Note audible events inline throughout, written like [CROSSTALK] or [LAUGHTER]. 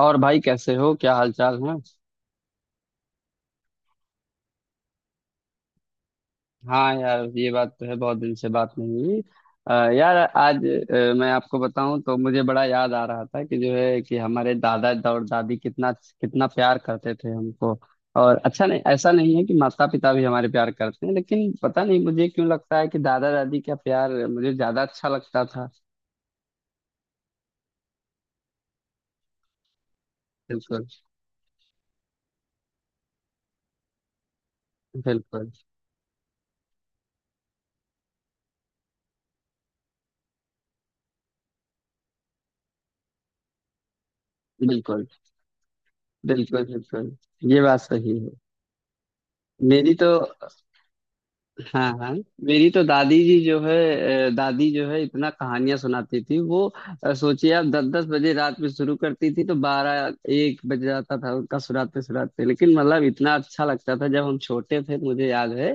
और भाई कैसे हो, क्या हाल चाल है। हाँ यार, ये बात तो है, बहुत दिन से बात नहीं हुई। यार आज मैं आपको बताऊं तो मुझे बड़ा याद आ रहा था कि जो है कि हमारे दादा और दादी कितना कितना प्यार करते थे हमको। और अच्छा, नहीं ऐसा नहीं है कि माता पिता भी हमारे प्यार करते हैं, लेकिन पता नहीं मुझे क्यों लगता है कि दादा दादी का प्यार मुझे ज्यादा अच्छा लगता था। बिल्कुल। बिल्कुल बिल्कुल। बिल्कुल बिल्कुल, ये बात सही है। मेरी तो। हाँ हाँ। मेरी तो दादी जी जो है, दादी जो है इतना कहानियां सुनाती थी वो। सोचिए आप दस दस बजे रात में शुरू करती थी तो बारह एक बज जाता था उनका सुनाते सुनाते, लेकिन मतलब इतना अच्छा लगता था जब हम छोटे थे, मुझे याद है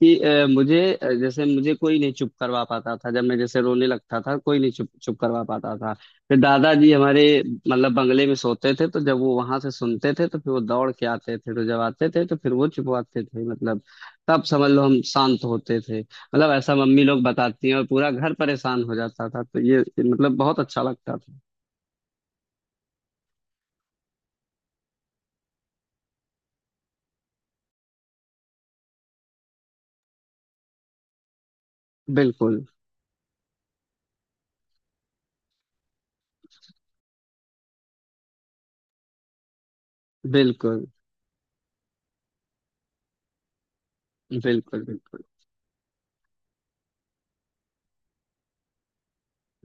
कि मुझे जैसे मुझे कोई नहीं चुप करवा पाता था, जब मैं जैसे रोने लगता था कोई नहीं चुप चुप करवा पाता था। फिर दादाजी हमारे मतलब बंगले में सोते थे, तो जब वो वहां से सुनते थे तो फिर वो दौड़ के आते थे, तो जब आते थे तो फिर वो चुपवाते थे मतलब। तब समझ लो हम शांत होते थे, मतलब ऐसा मम्मी लोग बताती हैं, और पूरा घर परेशान हो जाता था, तो ये मतलब बहुत अच्छा लगता था। बिल्कुल। बिल्कुल बिल्कुल। बिल्कुल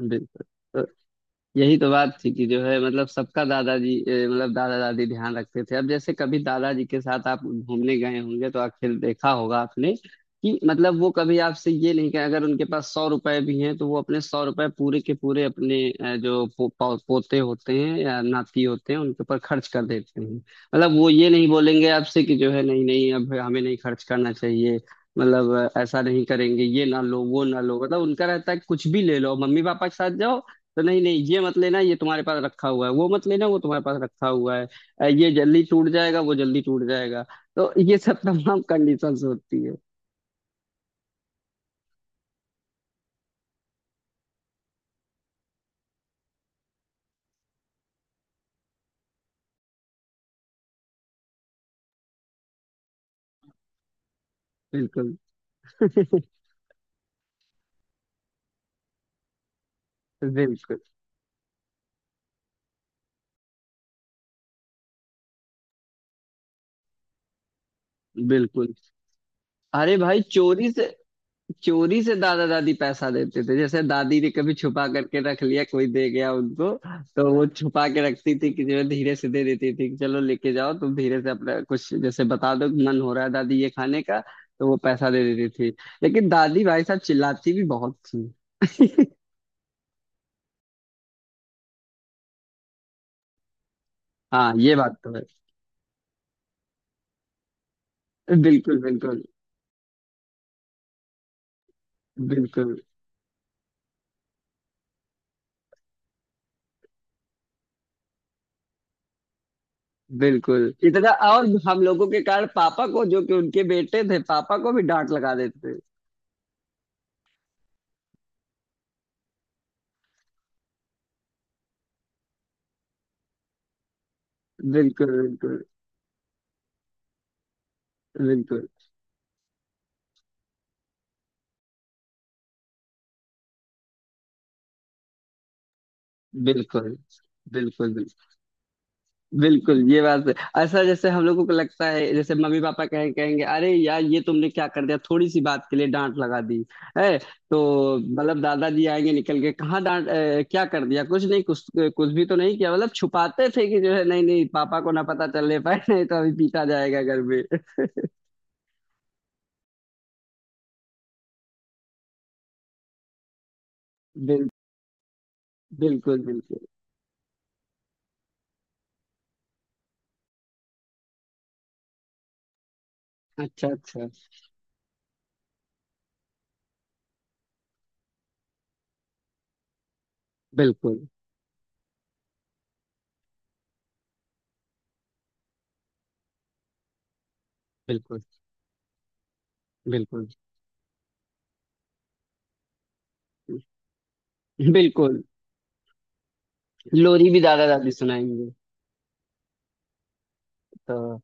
बिल्कुल। यही तो बात थी कि जो है मतलब सबका दादाजी मतलब दादा दादी ध्यान रखते थे। अब जैसे कभी दादाजी के साथ आप घूमने गए होंगे तो आखिर देखा होगा आपने कि मतलब वो कभी आपसे ये नहीं कहे, अगर उनके पास सौ रुपए भी हैं तो वो अपने सौ रुपए पूरे के पूरे अपने पोते होते हैं या नाती होते हैं उनके ऊपर खर्च कर देते हैं। मतलब वो ये नहीं बोलेंगे आपसे कि जो है नहीं नहीं, अब हमें नहीं खर्च करना चाहिए। मतलब ऐसा नहीं करेंगे ये ना लो वो ना लो, मतलब उनका रहता है कुछ भी ले लो मम्मी पापा के साथ जाओ। तो नहीं नहीं ये मत लेना, ये तुम्हारे पास रखा हुआ है, वो मत लेना, वो तुम्हारे पास रखा हुआ है। ये जल्दी टूट जाएगा, वो जल्दी टूट जाएगा। तो ये सब तमाम कंडीशंस होती है। बिल्कुल। [LAUGHS] बिल्कुल बिल्कुल। अरे भाई, चोरी से। चोरी से दादा दादी पैसा देते थे, जैसे दादी ने कभी छुपा करके रख लिया, कोई दे गया उनको। तो वो छुपा के रखती थी कि जो है धीरे से दे देती थी कि चलो लेके जाओ तुम, धीरे से अपना कुछ जैसे बता दो कि मन हो रहा है दादी ये खाने का, तो वो पैसा दे देती थी। लेकिन दादी भाई साहब चिल्लाती भी बहुत थी। [LAUGHS] हाँ ये बात तो है। बिल्कुल बिल्कुल। बिल्कुल बिल्कुल इतना, और हम लोगों के कारण पापा को, जो कि उनके बेटे थे, पापा को भी डांट लगा देते थे। बिल्कुल बिल्कुल बिल्कुल। बिल्कुल। बिल्कुल बिल्कुल बिल्कुल, ये बात है। ऐसा, जैसे हम लोगों को लगता है जैसे मम्मी पापा कहेंगे अरे यार ये तुमने क्या कर दिया, थोड़ी सी बात के लिए डांट लगा दी है, तो मतलब दादाजी आएंगे निकल के, कहाँ डांट क्या कर दिया, कुछ नहीं, कुछ कुछ भी तो नहीं किया, मतलब छुपाते थे कि जो है, नहीं नहीं पापा को ना पता चलने पाए, [LAUGHS] नहीं तो अभी पीटा जाएगा घर में। बिल, बिल्कुल बिल्कुल। अच्छा अच्छा। बिल्कुल बिल्कुल। बिल्कुल बिल्कुल। लोरी भी दादा दादी सुनाएंगे। तो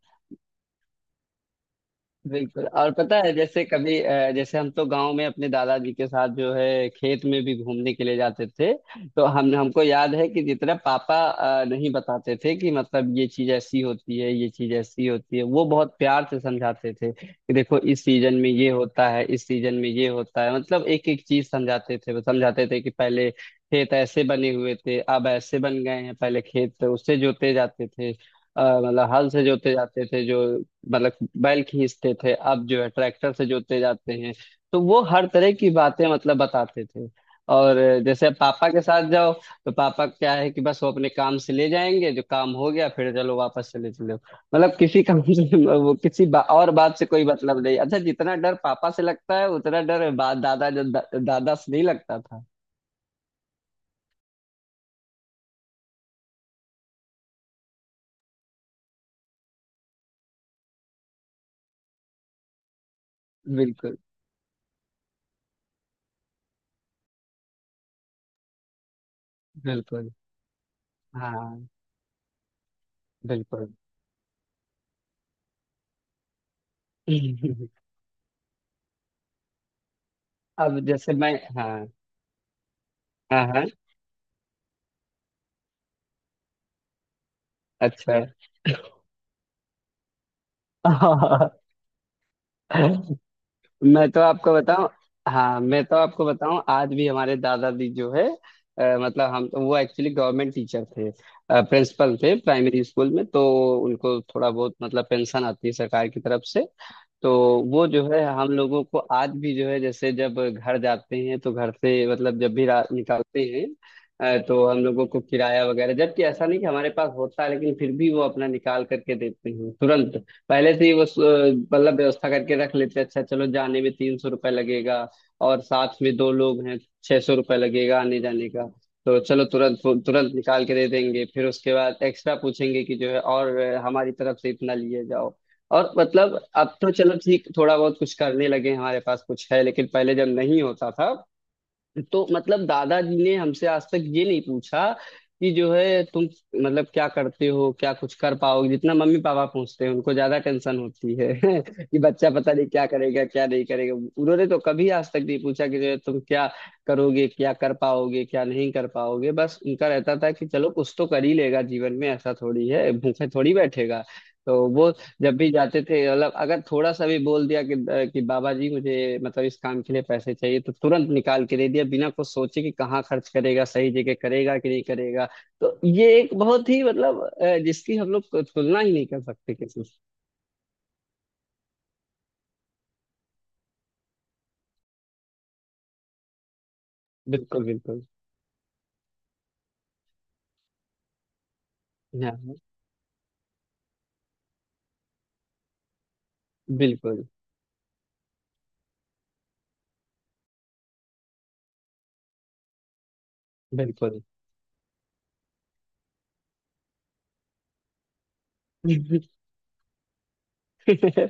बिल्कुल। और पता है जैसे कभी जैसे हम तो गांव में अपने दादाजी के साथ जो है खेत में भी घूमने के लिए जाते थे, तो हम हमको याद है कि जितना पापा नहीं बताते थे कि मतलब ये चीज ऐसी होती है, ये चीज ऐसी होती है, वो बहुत प्यार से समझाते थे कि देखो इस सीजन में ये होता है, इस सीजन में ये होता है, मतलब एक एक चीज समझाते थे। वो समझाते थे कि पहले खेत ऐसे बने हुए थे, अब ऐसे बन गए हैं, पहले खेत उससे जोते जाते थे, मतलब हल से जोते जाते थे जो मतलब बैल खींचते थे, अब जो है ट्रैक्टर से जोते जाते हैं, तो वो हर तरह की बातें मतलब बताते थे। और जैसे पापा के साथ जाओ तो पापा क्या है कि बस वो अपने काम से ले जाएंगे, जो काम हो गया फिर चलो वापस चले, चलो मतलब किसी काम से, वो और बात से कोई मतलब नहीं। अच्छा, जितना डर पापा से लगता है उतना डर दादा से नहीं लगता था। बिल्कुल बिल्कुल। हाँ बिल्कुल। [LAUGHS] अब जैसे मैं। हाँ हाँ। हाँ अच्छा। [LAUGHS] मैं तो आपको बताऊं। हाँ मैं तो आपको बताऊं आज भी हमारे दादाजी जो है, मतलब हम तो वो एक्चुअली गवर्नमेंट टीचर थे, प्रिंसिपल थे प्राइमरी स्कूल में, तो उनको थोड़ा बहुत मतलब पेंशन आती है सरकार की तरफ से। तो वो जो है हम लोगों को आज भी जो है, जैसे जब घर जाते हैं तो घर से, मतलब जब भी रात निकालते हैं तो हम लोगों को किराया वगैरह, जबकि ऐसा नहीं कि हमारे पास होता है, लेकिन फिर भी वो अपना निकाल करके देते हैं तुरंत, पहले से ही वो मतलब व्यवस्था करके रख लेते हैं, अच्छा चलो जाने में तीन सौ रुपये लगेगा और साथ में दो लोग हैं, छह सौ रुपये लगेगा आने जाने का, तो चलो तुरंत तुरंत निकाल के दे देंगे, फिर उसके बाद एक्स्ट्रा पूछेंगे कि जो है, और हमारी तरफ से इतना लिए जाओ। और मतलब अब तो चलो ठीक थोड़ा बहुत कुछ करने लगे हैं, हमारे पास कुछ है, लेकिन पहले जब नहीं होता था तो मतलब दादाजी ने हमसे आज तक ये नहीं पूछा कि जो है तुम मतलब क्या करते हो, क्या कुछ कर पाओगे। जितना मम्मी पापा पूछते हैं, उनको ज्यादा टेंशन होती है, [LAUGHS] कि बच्चा पता नहीं क्या करेगा क्या नहीं करेगा। उन्होंने तो कभी आज तक नहीं पूछा कि जो है तुम क्या करोगे, क्या कर पाओगे क्या नहीं कर पाओगे, बस उनका रहता था कि चलो कुछ तो कर ही लेगा जीवन में, ऐसा थोड़ी है भूखे थोड़ी बैठेगा। तो वो जब भी जाते थे मतलब अगर थोड़ा सा भी बोल दिया कि बाबा जी मुझे मतलब इस काम के लिए पैसे चाहिए, तो तुरंत निकाल के दे दिया बिना कुछ सोचे कि कहाँ खर्च करेगा, सही जगह करेगा कि नहीं करेगा। तो ये एक बहुत ही मतलब जिसकी हम लोग को तुलना ही नहीं कर सकते किसी से। बिल्कुल बिल्कुल। हाँ बिल्कुल बिल्कुल। [LAUGHS] बिल्कुल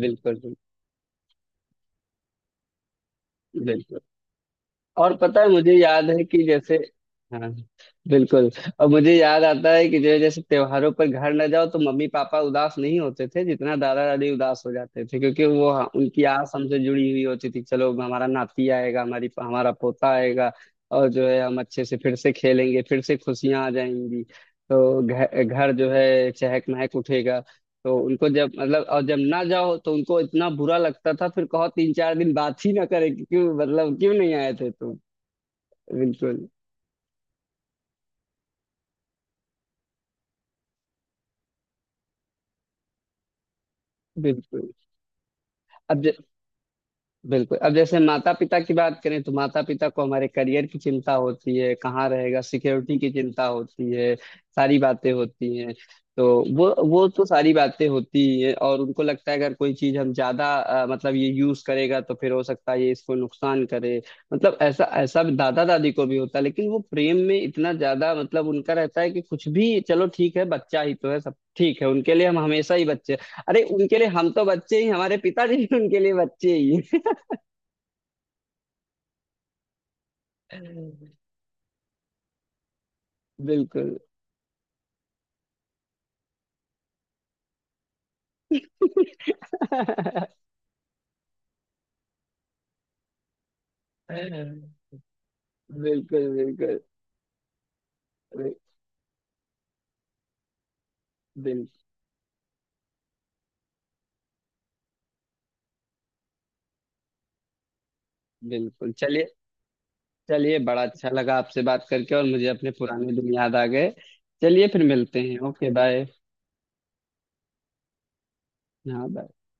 बिल्कुल बिल्कुल। और पता है मुझे याद है कि जैसे। हाँ बिल्कुल। और मुझे याद आता है कि जो जैसे त्योहारों पर घर न जाओ तो मम्मी पापा उदास नहीं होते थे जितना दादा दादी उदास हो जाते थे, क्योंकि वो हाँ, उनकी आस हमसे जुड़ी हुई होती थी, चलो हमारा नाती आएगा, हमारी हमारा पोता आएगा और जो है हम अच्छे से फिर से खेलेंगे, फिर से खुशियां आ जाएंगी, तो घर घर जो है चहक महक उठेगा। तो उनको जब मतलब और जब ना जाओ तो उनको इतना बुरा लगता था, फिर कहो तीन चार दिन बात ही ना करे कि क्यों मतलब क्यों नहीं आए थे तुम। बिल्कुल बिल्कुल। अब ज- बिल्कुल, अब जैसे माता पिता की बात करें तो माता पिता को हमारे करियर की चिंता होती है, कहाँ रहेगा सिक्योरिटी की चिंता होती है, सारी बातें होती हैं। तो वो तो सारी बातें होती ही हैं, और उनको लगता है अगर कोई चीज हम ज्यादा मतलब ये यूज करेगा तो फिर हो सकता है ये इसको नुकसान करे, मतलब ऐसा ऐसा दादा दादी को भी होता है, लेकिन वो प्रेम में इतना ज्यादा मतलब उनका रहता है कि कुछ भी चलो ठीक है, बच्चा ही तो है, सब ठीक है, उनके लिए हम हमेशा ही बच्चे। अरे उनके लिए हम तो बच्चे ही, हमारे पिताजी भी उनके लिए बच्चे ही। बिल्कुल। [LAUGHS] बिल्कुल बिल्कुल। बिल, बिल, बिल्कुल, चलिए। चलिए, बड़ा अच्छा लगा आपसे बात करके, और मुझे अपने पुराने दिन याद आ गए। चलिए फिर मिलते हैं, ओके बाय। हाँ बाय।